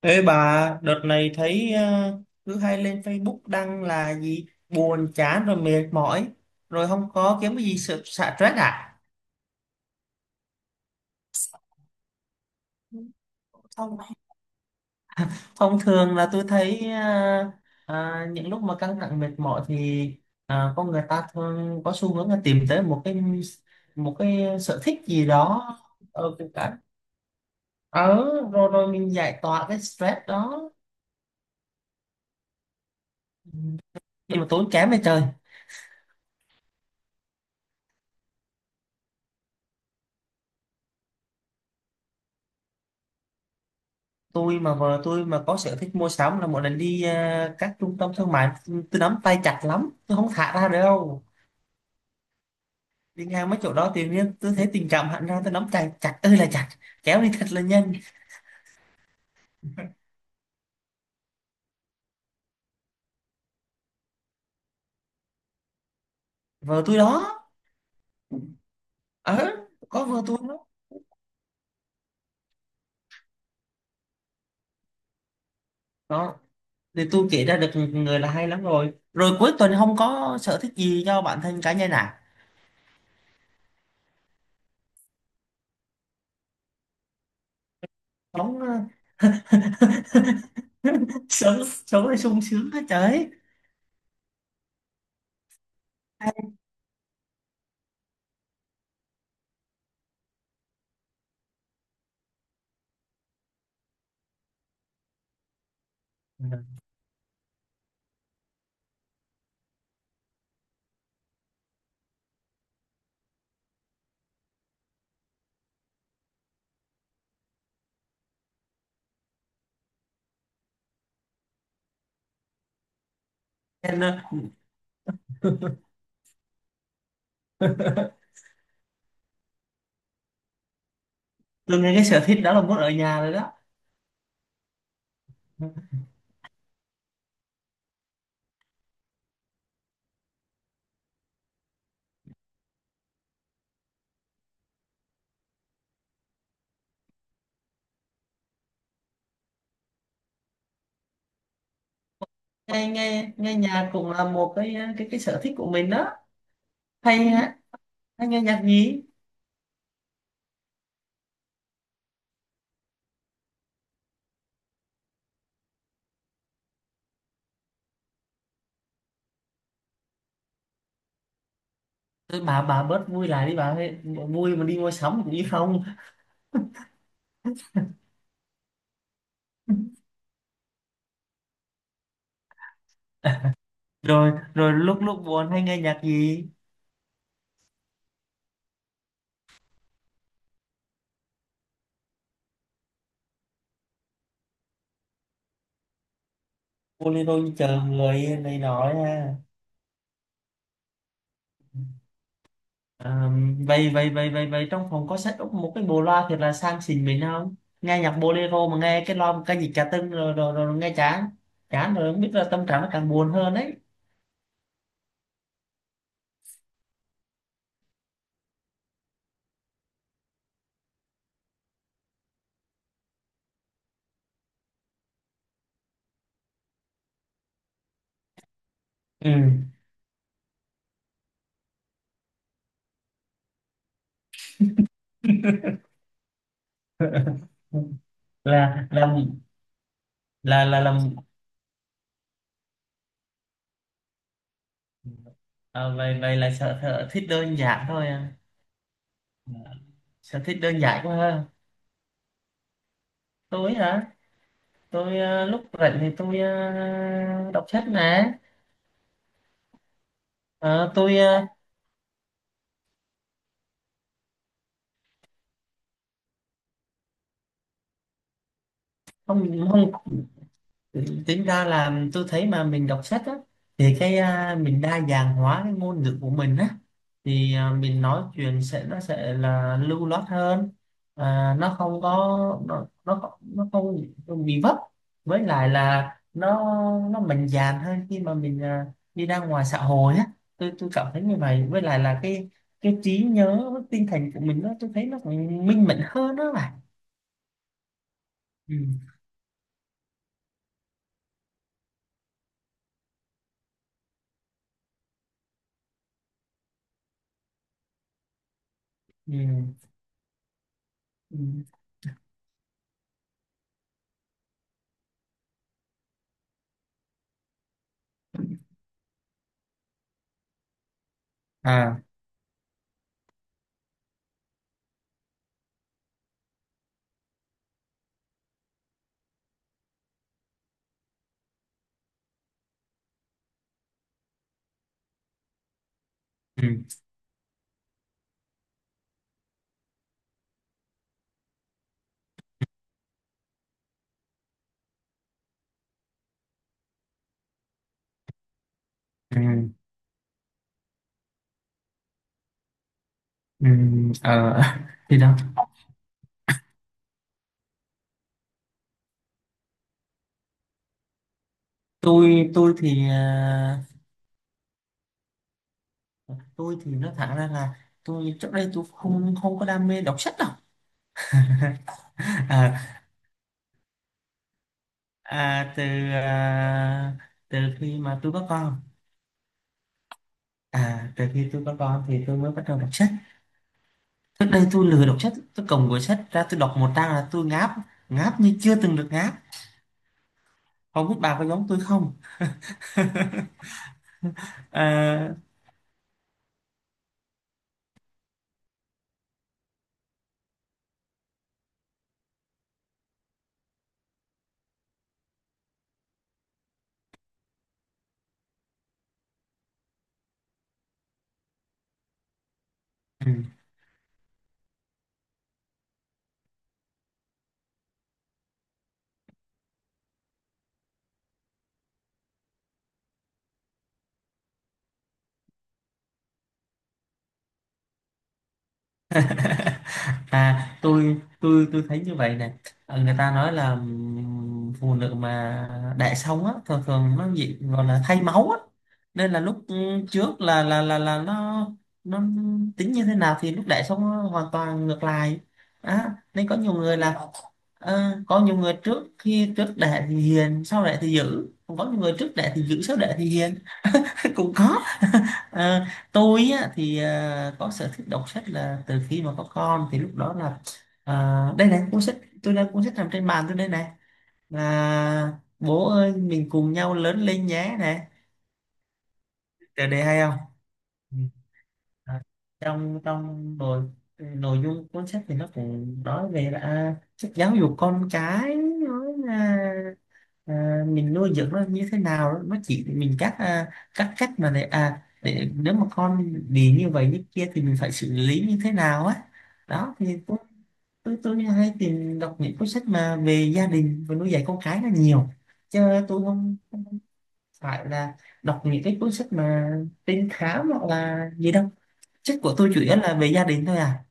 Ê bà, đợt này thấy cứ hay lên Facebook đăng là gì buồn chán rồi mệt mỏi rồi không có kiếm cái gì sự xả stress à? Thông thường là tôi thấy những lúc mà căng thẳng mệt mỏi thì con người ta thường có xu hướng là tìm tới một cái sở thích gì đó. Ở cái ở Rồi rồi mình giải tỏa cái stress đó. Nhưng mà tốn kém vậy trời. Tôi mà Vợ tôi mà có sở thích mua sắm là mỗi lần đi các trung tâm thương mại, tôi nắm tay chặt lắm, tôi không thả ra được đâu. Đi ngang mấy chỗ đó tự nhiên tôi thấy tình cảm hẳn ra, tôi nắm tay chặt ơi là chặt, kéo đi thật là nhanh. Vợ tôi đó. Ờ. Có vợ tôi đó. Đó, thì tôi kể ra được người là hay lắm. Rồi Rồi cuối tuần không có sở thích gì cho bản thân cá nhân à? Sống sống, sống là sung sướng hết trời. Ừ. Nên, ờ, tôi nghe cái sở thích đó là muốn ở nhà rồi đó. Ừ. nghe nghe Nghe nhạc cũng là một cái sở thích của mình đó. Hay á, hay nghe nhạc nhí. Tôi Bà bớt vui lại đi bà ơi. Vui mà đi mua sắm cũng đi không? Rồi rồi Lúc lúc buồn hay nghe nhạc gì? Bolero như chờ người này nói ha? À, vậy vậy vậy vậy vậy trong phòng có set up một cái bộ loa thiệt là sang xịn mình không? Nghe nhạc bolero mà nghe cái loa một cái gì cả tưng rồi, rồi rồi nghe chán, chán rồi không biết là tâm trạng nó càng buồn hơn đấy. Ừ. là là là Làm. À, vậy vậy là sở thích đơn giản thôi à. À, sở thích đơn giản quá ha. Tôi hả? Tôi lúc rảnh thì tôi đọc sách nè. Ờ, tôi ờ, không, không. Ừ, tính ra là tôi thấy mà mình đọc sách á, thì à, mình đa dạng hóa cái ngôn ngữ của mình á, thì à, mình nói chuyện sẽ sẽ là lưu loát hơn. À, nó không có, nó không bị vấp. Với lại là nó mạnh dạn hơn khi mà mình à, đi ra ngoài xã hội á. Tôi cảm thấy như vậy. Với lại là cái trí nhớ với tinh thần của mình, tôi thấy nó cũng minh mẫn hơn đó mà. Ừ. Ừ. Ừ. À. Ừ. Ừ. Ờ, thì đó. tôi tôi thì à, tôi thì nói thẳng ra là tôi trước đây tôi không, không có đam mê đọc sách đâu. À, à, từ à, từ khi mà tôi có con. À, từ khi tôi có con thì tôi mới bắt đầu đọc sách. Trước đây tôi lười đọc sách, tôi cầm cuốn sách ra tôi đọc một trang là tôi ngáp, ngáp như chưa từng được ngáp. Không biết bà có giống tôi không? À, ừ. À, tôi, tôi thấy như vậy nè. Ờ, người ta nói là phụ nữ mà đẻ xong á thường thường nó gì gọi là thay máu á. Nên là lúc trước là nó tính như thế nào thì lúc đẻ xong nó hoàn toàn ngược lại á. Nên có nhiều người là ờ, có nhiều người trước khi trước đẻ thì hiền sau đẻ thì dữ, còn có nhiều người trước đẻ thì dữ sau đẻ thì hiền. Cũng có. Ờ, tôi á, thì ờ, có sở thích đọc sách là từ khi mà có con, thì lúc đó là ờ, đây này cuốn sách. Tôi đang Cuốn sách nằm trên bàn tôi đây này, là "Bố ơi mình cùng nhau lớn lên nhé" này. Trời đề hay không? Ừ. À, trong trong nội nội dung cuốn sách thì nó cũng nói về là sách giáo dục con cái, nói là à, mình nuôi dưỡng nó như thế nào đó. Nó chỉ mình các à, các cách mà để à để nếu mà con bị như vậy như kia thì mình phải xử lý như thế nào á. Đó thì tôi hay tìm đọc những cuốn sách mà về gia đình và nuôi dạy con cái là nhiều, chứ tôi không phải là đọc những cái cuốn sách mà trinh thám hoặc là gì đâu. Sách của tôi chủ yếu là về gia đình thôi à.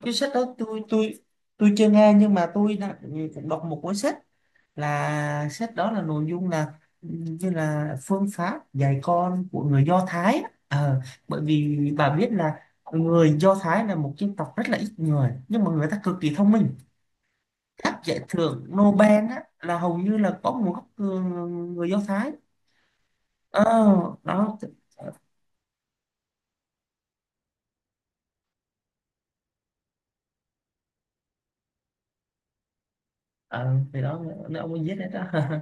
Cái sách đó tôi chưa nghe, nhưng mà tôi đã cũng đọc một cuốn sách, là sách đó là nội dung là như là phương pháp dạy con của người Do Thái á. Ờ, bởi vì bà biết là người Do Thái là một dân tộc rất là ít người nhưng mà người ta cực kỳ thông minh. Các giải thưởng Nobel á, là hầu như là có nguồn gốc người, người Do Thái. Ờ, đó. Ờ, thì đó, ông ấy viết đấy đó.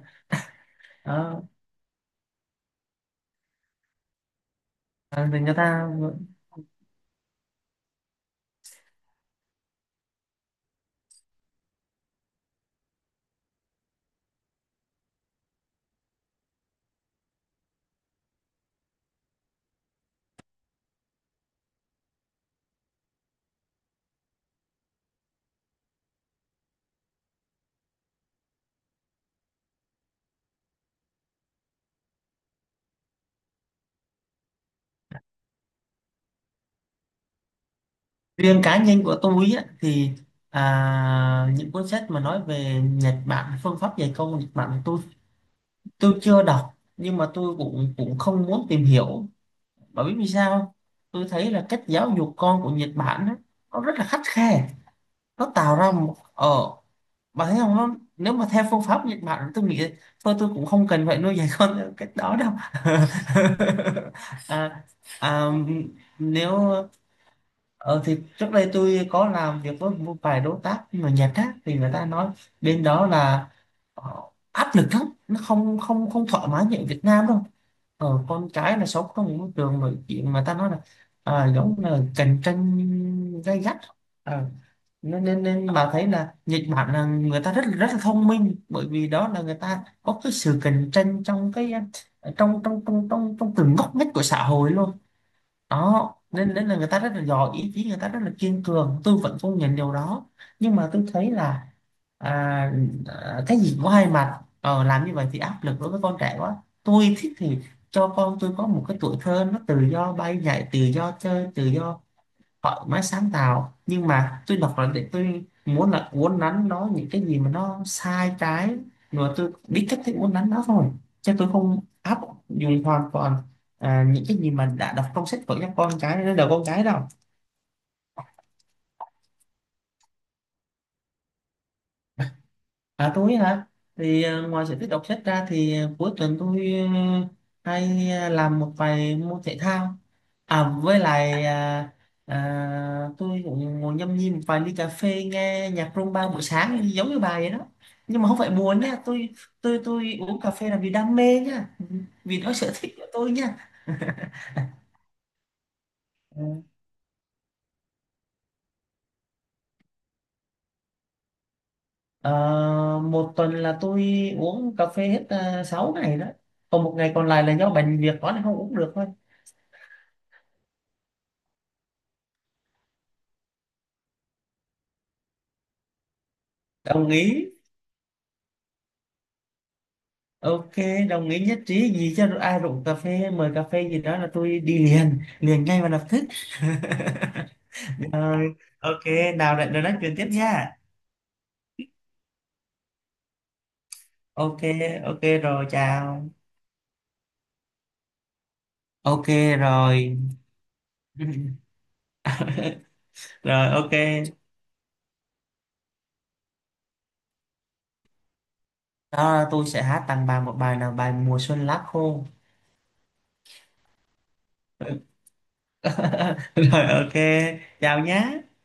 Đó. Ờ, thì người ta riêng cá nhân của tôi á, thì à, những cuốn sách mà nói về Nhật Bản, phương pháp dạy công Nhật Bản, tôi chưa đọc nhưng mà tôi cũng, cũng không muốn tìm hiểu. Bởi vì vì sao không? Tôi thấy là cách giáo dục con của Nhật Bản á, nó rất là khắt khe. Nó tạo ra một ờ, bà thấy không nó, nếu mà theo phương pháp Nhật Bản tôi nghĩ thôi tôi cũng không cần phải nuôi dạy con theo cách đó đâu. À, à, nếu. Ờ, thì trước đây tôi có làm việc với một vài đối tác mà nhật khác thì người ta nói bên đó là ờ, áp lực lắm. Nó không, không thoải mái như ở Việt Nam đâu. Ờ, con cái là sống trong một môi trường mà chuyện mà ta nói là à, giống là cạnh tranh gay gắt. Ờ, nên, nên bà thấy là Nhật Bản là người ta rất rất là thông minh, bởi vì đó là người ta có cái sự cạnh tranh trong cái ờ, trong trong trong trong trong từng ngóc ngách của xã hội luôn. Đó nên nên là người ta rất là giỏi, ý chí người ta rất là kiên cường, tôi vẫn công nhận điều đó. Nhưng mà tôi thấy là à, à, cái gì cũng có hai mặt. Ờ, làm như vậy thì áp lực đối với con trẻ quá. Tôi thích thì cho con tôi có một cái tuổi thơ nó tự do bay nhảy, tự do chơi tự do, họ mới sáng tạo. Nhưng mà tôi đọc là để tôi muốn là uốn nắn nó những cái gì mà nó sai trái, rồi tôi biết cách thức uốn nắn nó thôi, chứ tôi không áp dụng hoàn toàn à, những cái gì mà đã đọc trong sách vở cho con cái đến đầu con cái đâu. À tôi hả? Thì ờ, ngoài sở thích đọc sách ra thì ờ, cuối tuần tôi ờ, hay ờ, làm một vài môn thể thao. À với lại à, à, tôi cũng ngồi nhâm nhi một vài ly cà phê nghe nhạc rumba buổi sáng giống như bà vậy đó. Nhưng mà không phải buồn nha, tôi uống cà phê là vì đam mê nha, vì đó sở thích của tôi nha. Ừ. Ờ, một tuần là tôi uống cà phê hết 6 ngày đó. Còn một ngày còn lại là do bệnh việc đó nên không uống được thôi. Đồng ý. Ok, đồng ý nhất trí, gì cho ai rủ cà phê mời cà phê gì đó là tôi đi liền liền ngay và lập tức. Rồi ok, nào lại rồi nói chuyện tiếp nha. Ok ok. Rồi chào. Ok rồi. Rồi ok. Đó là tôi sẽ hát tặng bà một bài, là bài "Mùa xuân lá khô". Rồi ok, chào nhé.